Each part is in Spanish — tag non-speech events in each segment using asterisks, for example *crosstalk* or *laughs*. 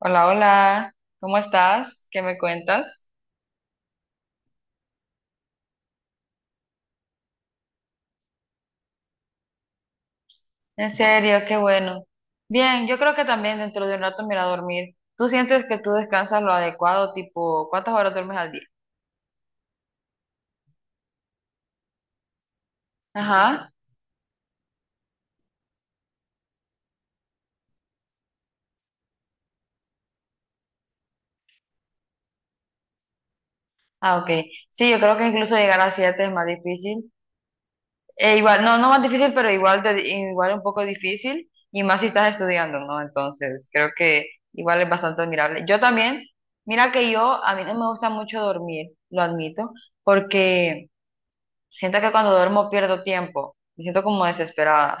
Hola, hola, ¿cómo estás? ¿Qué me cuentas? En serio, qué bueno. Bien, yo creo que también dentro de un rato me iré a dormir. ¿Tú sientes que tú descansas lo adecuado, tipo, cuántas horas duermes al día? Ajá. Ah, ok. Sí, yo creo que incluso llegar a siete es más difícil. Igual, no, no más difícil, pero igual, igual un poco difícil, y más si estás estudiando, ¿no? Entonces, creo que igual es bastante admirable. Yo también, mira que yo, a mí no me gusta mucho dormir, lo admito, porque... Siento que cuando duermo pierdo tiempo, me siento como desesperada,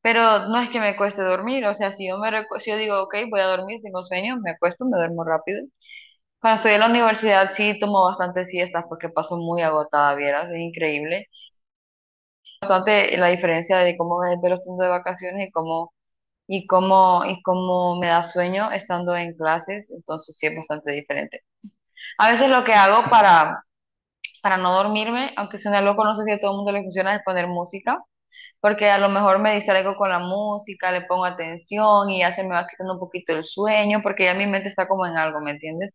pero no es que me cueste dormir, o sea, si yo si yo digo, ok, voy a dormir, tengo sueño, me acuesto, me duermo rápido. Cuando estoy en la universidad sí tomo bastantes siestas porque paso muy agotada, vieras, es increíble. Bastante la diferencia de cómo me desvelo estando de vacaciones y cómo me da sueño estando en clases, entonces sí es bastante diferente. A veces lo que hago para no dormirme, aunque suena loco, no sé si a todo el mundo le funciona, es poner música. Porque a lo mejor me distraigo con la música, le pongo atención y ya se me va quitando un poquito el sueño, porque ya mi mente está como en algo, ¿me entiendes?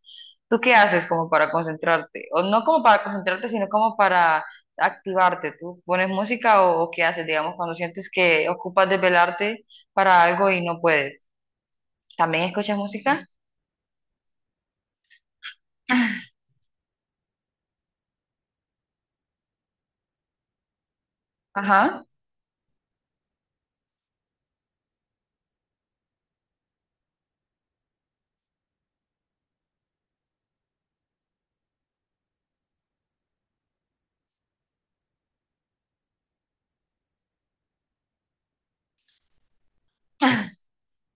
¿Tú qué haces como para concentrarte? O no como para concentrarte, sino como para activarte. ¿Tú pones música o, qué haces, digamos, cuando sientes que ocupas desvelarte para algo y no puedes? ¿También escuchas música? Ajá.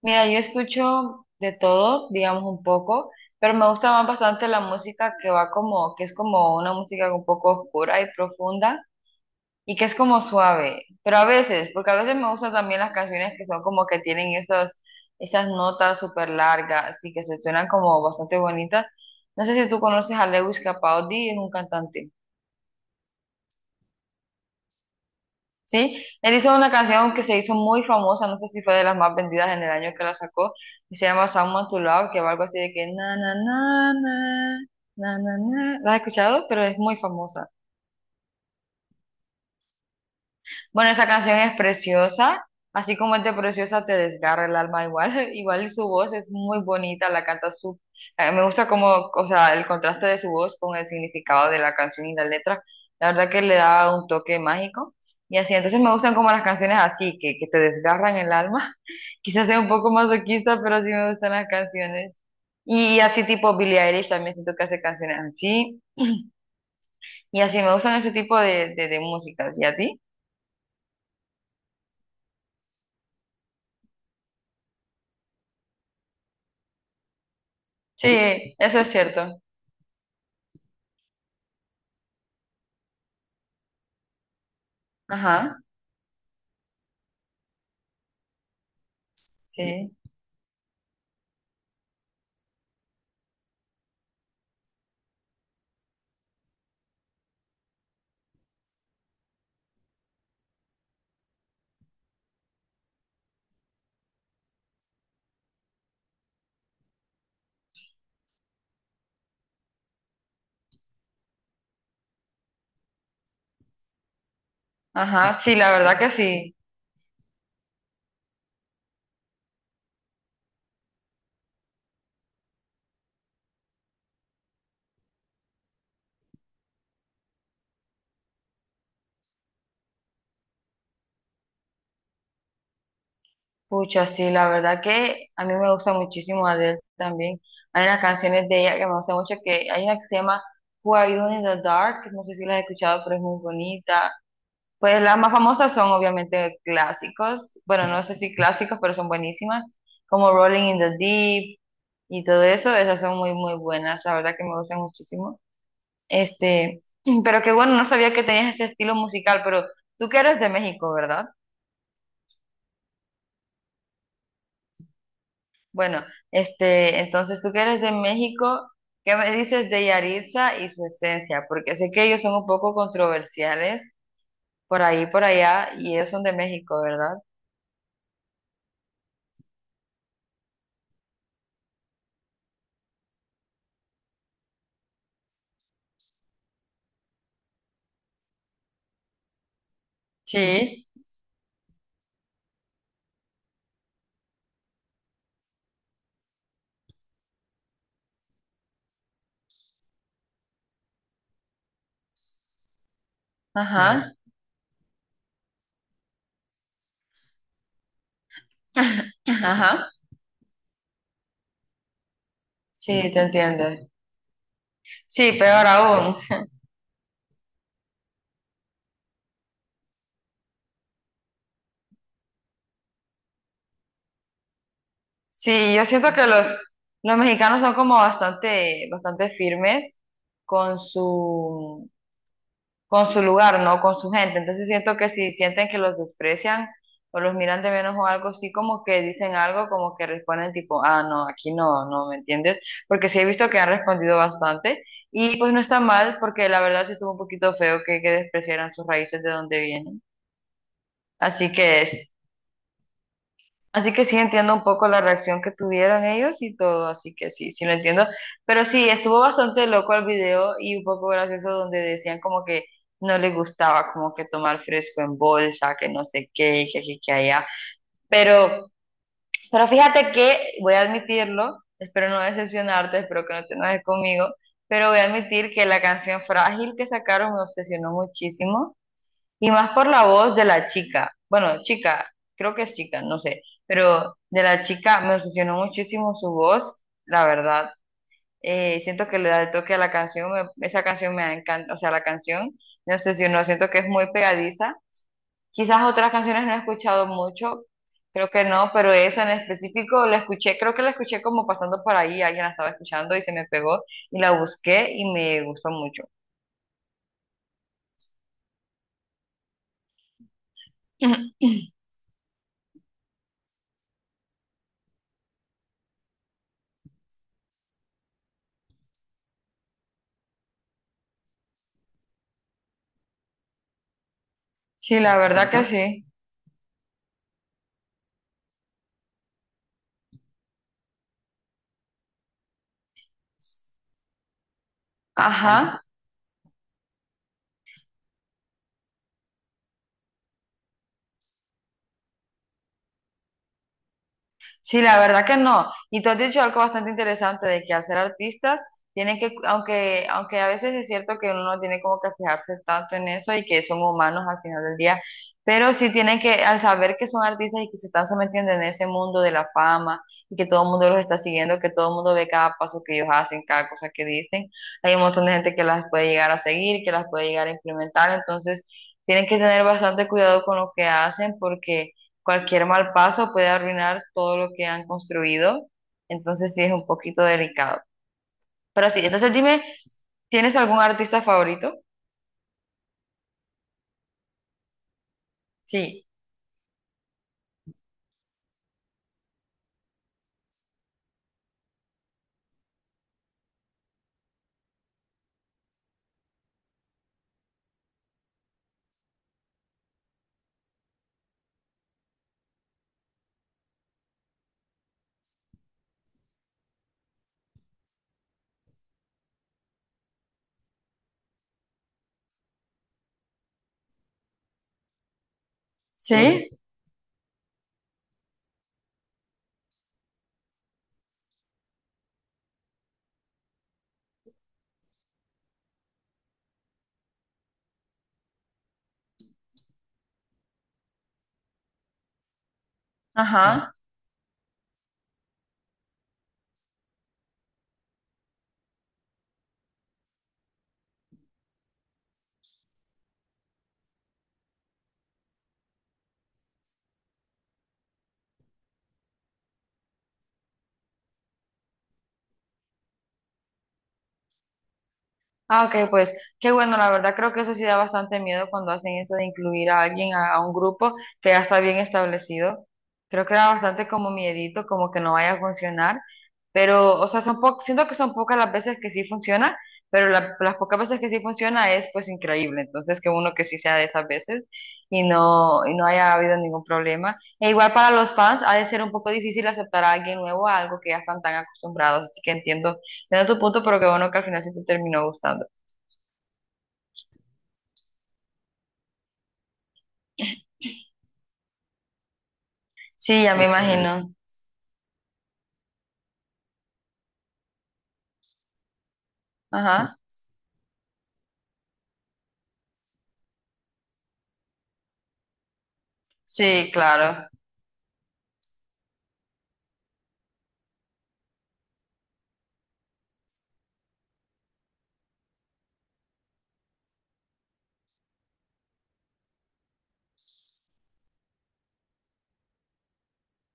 Mira, yo escucho de todo, digamos un poco, pero me gusta más bastante la música que va como, que es como una música un poco oscura y profunda y que es como suave, pero a veces, porque a veces me gustan también las canciones que son como que tienen esos, esas notas súper largas y que se suenan como bastante bonitas. No sé si tú conoces a Lewis Capaldi, es un cantante. ¿Sí? Él hizo una canción que se hizo muy famosa, no sé si fue de las más vendidas en el año que la sacó, y se llama Someone to Love, que va algo así de que na na na na na na na. ¿La has escuchado? Pero es muy famosa. Bueno, esa canción es preciosa, así como es de preciosa te desgarra el alma igual, *laughs* igual su voz es muy bonita, la canta su, me gusta como, o sea, el contraste de su voz con el significado de la canción y la letra, la verdad que le da un toque mágico y así, entonces me gustan como las canciones así, que te desgarran el alma, *laughs* quizás sea un poco masoquista, pero sí me gustan las canciones y así tipo Billie Eilish también siento que hace canciones así y así me gustan ese tipo de músicas, ¿y a ti? Sí, eso es cierto. Ajá. Sí. Ajá, sí, la verdad que sí. Pucha, sí, la verdad que a mí me gusta muchísimo Adele también. Hay unas canciones de ella que me gustan mucho, que hay una que se llama Who Are You in the Dark, no sé si la has escuchado, pero es muy bonita. Pues las más famosas son obviamente clásicos, bueno, no sé si clásicos, pero son buenísimas, como Rolling in the Deep y todo eso, esas son muy, muy buenas, la verdad que me gustan muchísimo. Este, *clears throat* pero que bueno, no sabía que tenías ese estilo musical, pero tú que eres de México, ¿verdad? Bueno, entonces tú que eres de México, ¿qué me dices de Yaritza y su esencia? Porque sé que ellos son un poco controversiales por ahí, por allá, y ellos son de México, ¿verdad? Sí, ajá, ajá, *laughs* sí, te entiendo. Sí, peor aún. Sí, yo siento que los mexicanos son como bastante, bastante firmes con su con su lugar, ¿no? Con su gente. Entonces siento que si sienten que los desprecian o los miran de menos o algo así, como que dicen algo, como que responden tipo, ah, no, aquí no, no, ¿me entiendes? Porque sí he visto que han respondido bastante y pues no está mal porque la verdad sí estuvo un poquito feo que despreciaran sus raíces de donde vienen. Así que Así que sí entiendo un poco la reacción que tuvieron ellos y todo, así que sí, sí lo entiendo. Pero sí, estuvo bastante loco el video y un poco gracioso donde decían como que no les gustaba como que tomar fresco en bolsa, que no sé qué, y que aquí, que allá. Pero, pero fíjate que, voy a admitirlo, espero no decepcionarte, espero que no te enojes conmigo, pero voy a admitir que la canción Frágil que sacaron me obsesionó muchísimo y más por la voz de la chica. Bueno, chica, creo que es chica, no sé. Pero de la chica me obsesionó muchísimo su voz, la verdad. Siento que le da el toque a la canción. Esa canción me encanta. O sea, la canción me obsesionó. Siento que es muy pegadiza. Quizás otras canciones no he escuchado mucho. Creo que no, pero esa en específico la escuché. Creo que la escuché como pasando por ahí. Alguien la estaba escuchando y se me pegó. Y la busqué y me gustó mucho. *laughs* Sí, la verdad que algo, sí. Ajá. Sí, la verdad que no. Y tú has dicho algo bastante interesante de que al ser artistas, tienen que, aunque, aunque a veces es cierto que uno no tiene como que fijarse tanto en eso y que son humanos al final del día, pero sí tienen que, al saber que son artistas y que se están sometiendo en ese mundo de la fama y que todo el mundo los está siguiendo, que todo el mundo ve cada paso que ellos hacen, cada cosa que dicen, hay un montón de gente que las puede llegar a seguir, que las puede llegar a implementar, entonces tienen que tener bastante cuidado con lo que hacen porque cualquier mal paso puede arruinar todo lo que han construido, entonces sí es un poquito delicado. Pero sí, entonces dime, ¿tienes algún artista favorito? Sí. Sí. Sí, ajá. Ah, ok, pues qué bueno, la verdad creo que eso sí da bastante miedo cuando hacen eso de incluir a alguien a un grupo que ya está bien establecido. Creo que da bastante como miedito, como que no vaya a funcionar, pero, o sea, siento que son pocas las veces que sí funciona, pero las pocas veces que sí funciona es pues increíble, entonces que uno que sí sea de esas veces y no haya habido ningún problema. E igual para los fans ha de ser un poco difícil aceptar a alguien nuevo a algo que ya están tan acostumbrados, así que entiendo. Entiendo tu punto, pero qué bueno que al final sí te terminó gustando. Sí, ya me Ok. imagino. Ajá. Sí, claro.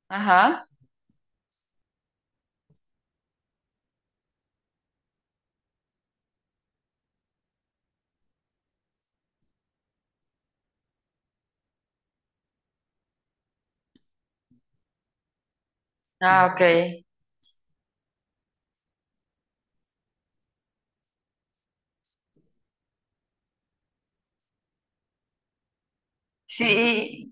Ajá. Ah, ok. Sí,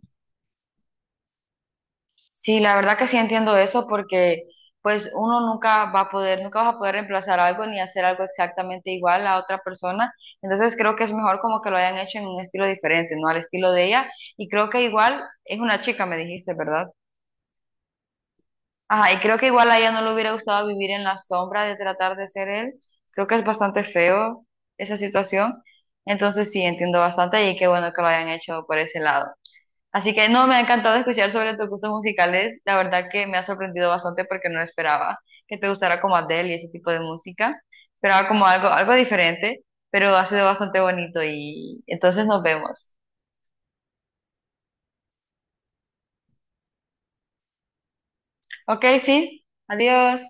sí, la verdad que sí entiendo eso porque pues uno nunca va a poder, nunca vas a poder reemplazar algo ni hacer algo exactamente igual a otra persona. Entonces creo que es mejor como que lo hayan hecho en un estilo diferente, ¿no? Al estilo de ella. Y creo que igual es una chica, me dijiste, ¿verdad? Ajá, y creo que igual a ella no le hubiera gustado vivir en la sombra de tratar de ser él. Creo que es bastante feo esa situación. Entonces sí, entiendo bastante y qué bueno que lo hayan hecho por ese lado. Así que no, me ha encantado escuchar sobre tus gustos musicales. La verdad que me ha sorprendido bastante porque no esperaba que te gustara como Adele y ese tipo de música. Esperaba como algo, algo diferente, pero ha sido bastante bonito y entonces nos vemos. Ok, sí, adiós.